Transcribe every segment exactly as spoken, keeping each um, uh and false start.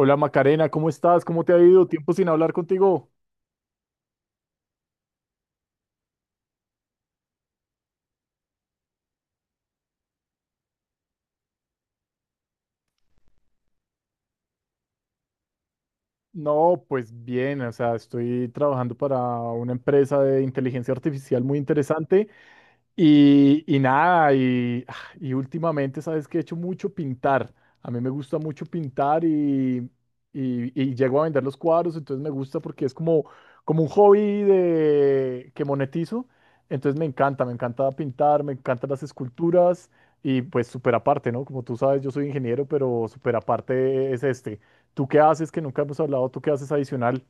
Hola Macarena, ¿cómo estás? ¿Cómo te ha ido? Tiempo sin hablar contigo. No, pues bien, o sea, estoy trabajando para una empresa de inteligencia artificial muy interesante. Y, y nada, y, ah, y últimamente, sabes que he hecho mucho pintar. A mí me gusta mucho pintar, y, y, y llego a vender los cuadros, entonces me gusta porque es como, como un hobby de, que monetizo. Entonces me encanta, me encanta pintar, me encantan las esculturas y pues súper aparte, ¿no? Como tú sabes, yo soy ingeniero, pero súper aparte es este. ¿Tú qué haces que nunca hemos hablado? ¿Tú qué haces adicional?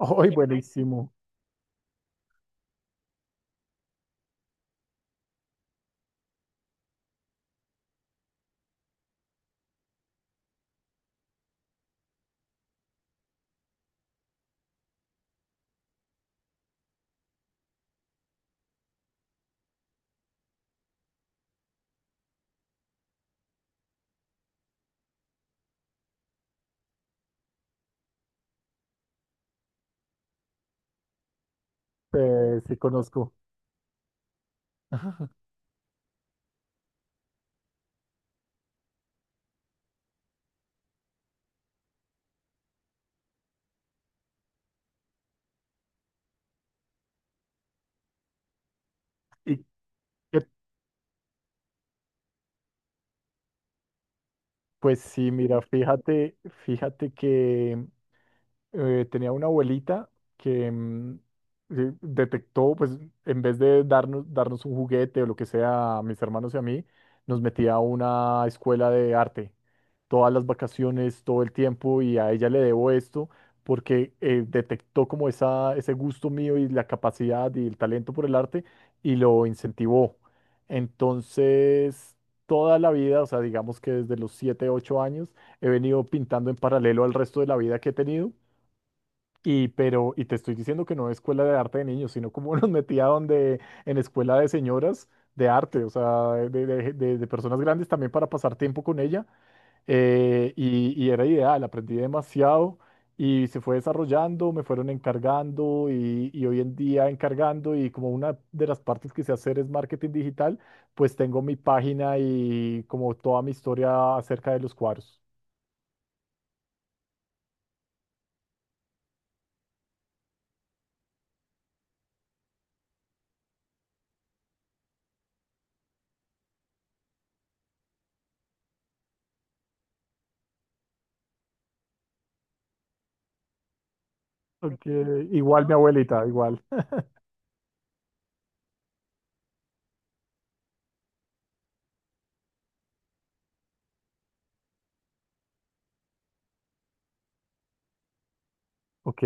¡Ay, buenísimo! Eh, sí, conozco. ¿Y qué Pues sí, mira, fíjate, fíjate que eh, tenía una abuelita que mm, eh, detectó, pues en vez de darnos, darnos un juguete o lo que sea a mis hermanos y a mí, nos metía a una escuela de arte todas las vacaciones, todo el tiempo, y a ella le debo esto porque eh, detectó como esa, ese gusto mío y la capacidad y el talento por el arte, y lo incentivó. Entonces, toda la vida, o sea, digamos que desde los siete ocho años, he venido pintando en paralelo al resto de la vida que he tenido, y, pero, y te estoy diciendo que no escuela de arte de niños, sino como nos metía donde, en escuela de señoras de arte, o sea, de, de- de- de personas grandes también para pasar tiempo con ella. eh, y, y era ideal, aprendí demasiado y se fue desarrollando, me fueron encargando, y, y hoy en día encargando. Y como una de las partes que sé hacer es marketing digital, pues tengo mi página y como toda mi historia acerca de los cuadros. Ok, igual mi abuelita, igual. Ok.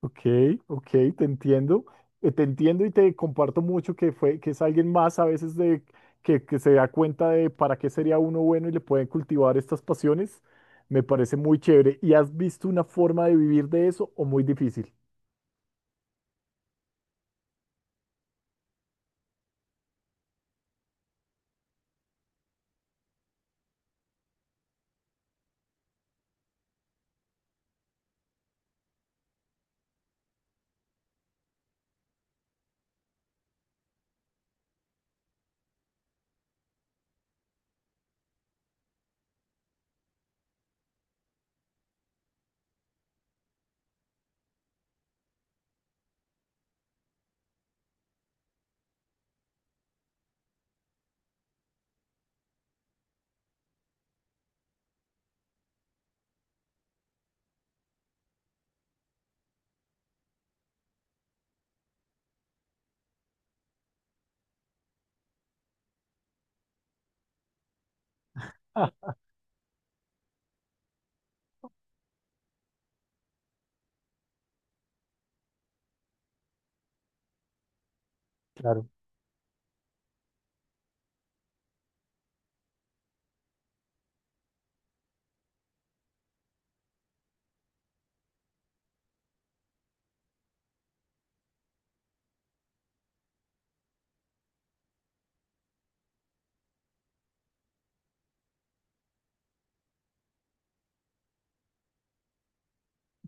Ok, ok, te entiendo, eh, te entiendo, y te comparto mucho que fue, que es alguien más a veces de que, que se da cuenta de para qué sería uno bueno y le pueden cultivar estas pasiones. Me parece muy chévere. ¿Y has visto una forma de vivir de eso, o muy difícil? Ah, claro.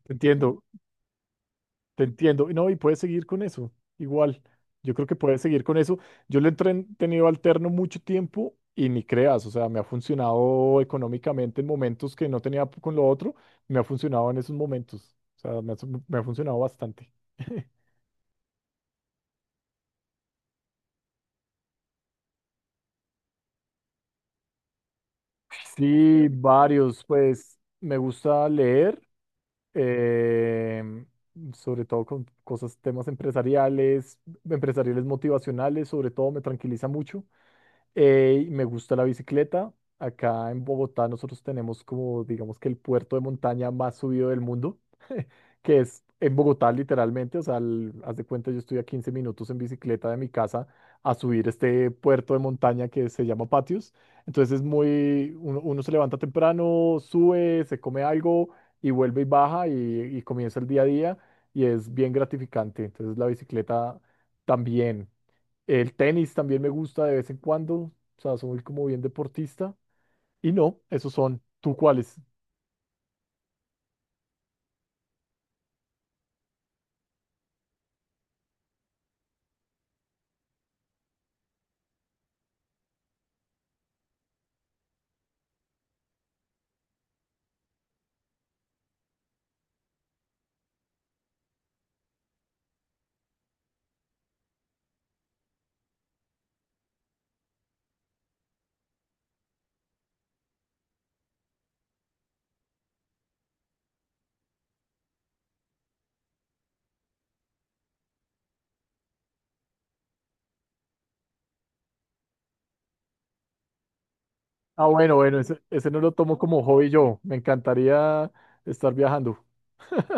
Te entiendo. Te entiendo. Y, no, y puedes seguir con eso. Igual, yo creo que puedes seguir con eso. Yo lo he entren- tenido alterno mucho tiempo, y ni creas, o sea, me ha funcionado económicamente en momentos que no tenía p- con lo otro, me ha funcionado en esos momentos. O sea, me ha, su- me ha funcionado bastante. Sí, varios, pues me gusta leer, em, sobre todo con cosas, temas empresariales, empresariales motivacionales, sobre todo me tranquiliza mucho. Eh, me gusta la bicicleta. Acá en Bogotá nosotros tenemos como, digamos, que el puerto de montaña más subido del mundo, que es en Bogotá literalmente. O sea, al- haz de cuenta, yo estoy a 15 minutos en bicicleta de mi casa a subir este puerto de montaña que se llama Patios. Entonces es muy, uno, uno se levanta temprano, sube, se come algo y vuelve y baja, y, y comienza el día a día, y es bien gratificante. Entonces la bicicleta también. El tenis también me gusta de vez en cuando, o sea, soy como bien deportista. Y no, esos son. ¿Tú cuáles? Ah, bueno, bueno, ese, ese no lo tomo como hobby yo. Me encantaría estar viajando.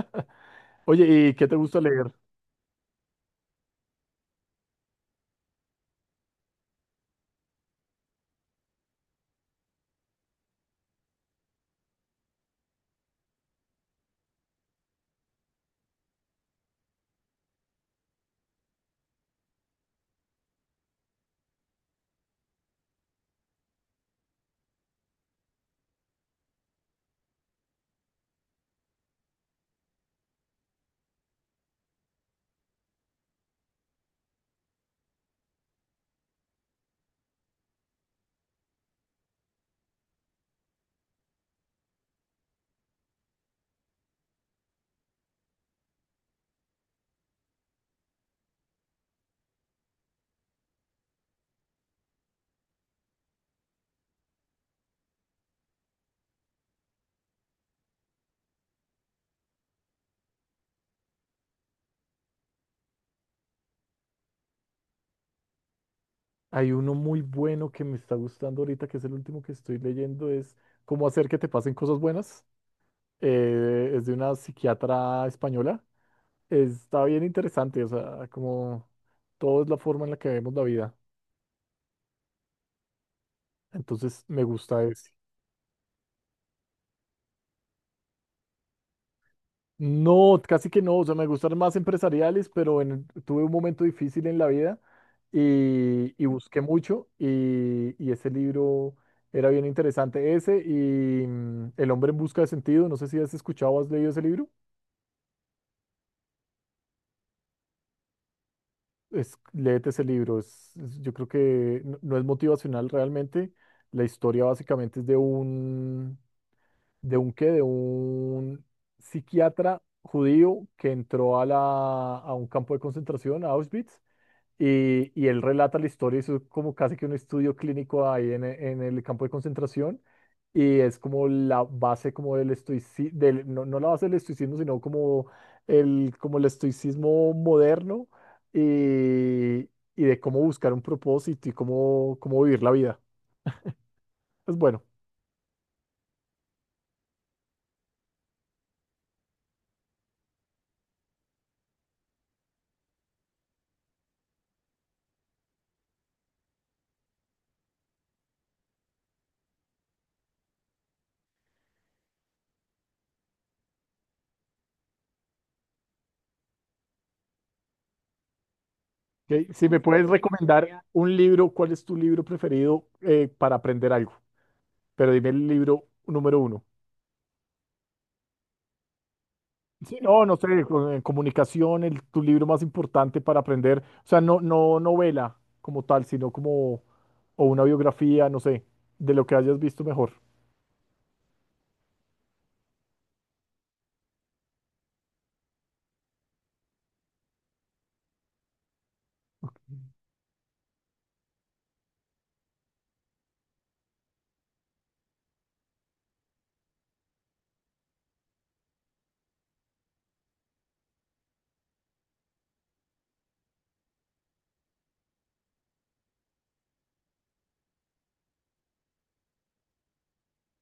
Oye, ¿y qué te gusta leer? Hay uno muy bueno que me está gustando ahorita, que es el último que estoy leyendo, es Cómo hacer que te pasen cosas buenas. Eh, es de una psiquiatra española. Está bien interesante, o sea, como todo es la forma en la que vemos la vida. Entonces me gusta eso. No, casi que no, o sea, me gustan más empresariales, pero en- tuve un momento difícil en la vida, y, y busqué mucho, y, y ese libro era bien interesante. Ese y mm, El hombre en busca de sentido, no sé si has escuchado o has leído ese libro. Es, léete ese libro, es- es- yo creo que no, no es motivacional realmente. La historia básicamente es de un, de un qué, de un psiquiatra judío que entró a, la, a un campo de concentración, a Auschwitz. Y y él relata la historia, eso es como casi que un estudio clínico ahí en, e- en el campo de concentración, y es como la base como del estoicismo, del, no, no la base del estoicismo, sino como el, como el estoicismo moderno, y, y de cómo buscar un propósito, y cómo, cómo vivir la vida. Pues bueno, ok, si me puedes recomendar un libro, ¿cuál es tu libro preferido eh, para aprender algo? Pero dime el libro número uno. Sí, no, no sé, co- en comunicación, el, tu libro más importante para aprender, o sea, no, no novela como tal, sino como, o una biografía, no sé, de lo que hayas visto mejor. Ok,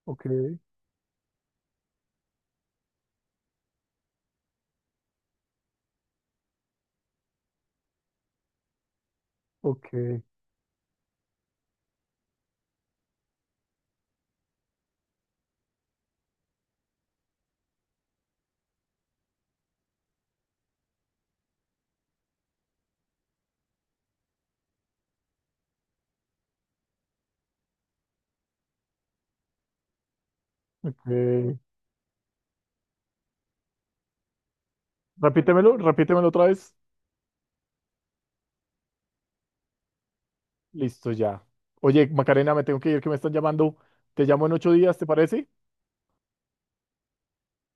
ok, ok. Ok. Repítemelo, repítemelo otra vez. Listo, ya. Oye, Macarena, me tengo que ir, que me están llamando. Te llamo en ocho días, ¿te parece?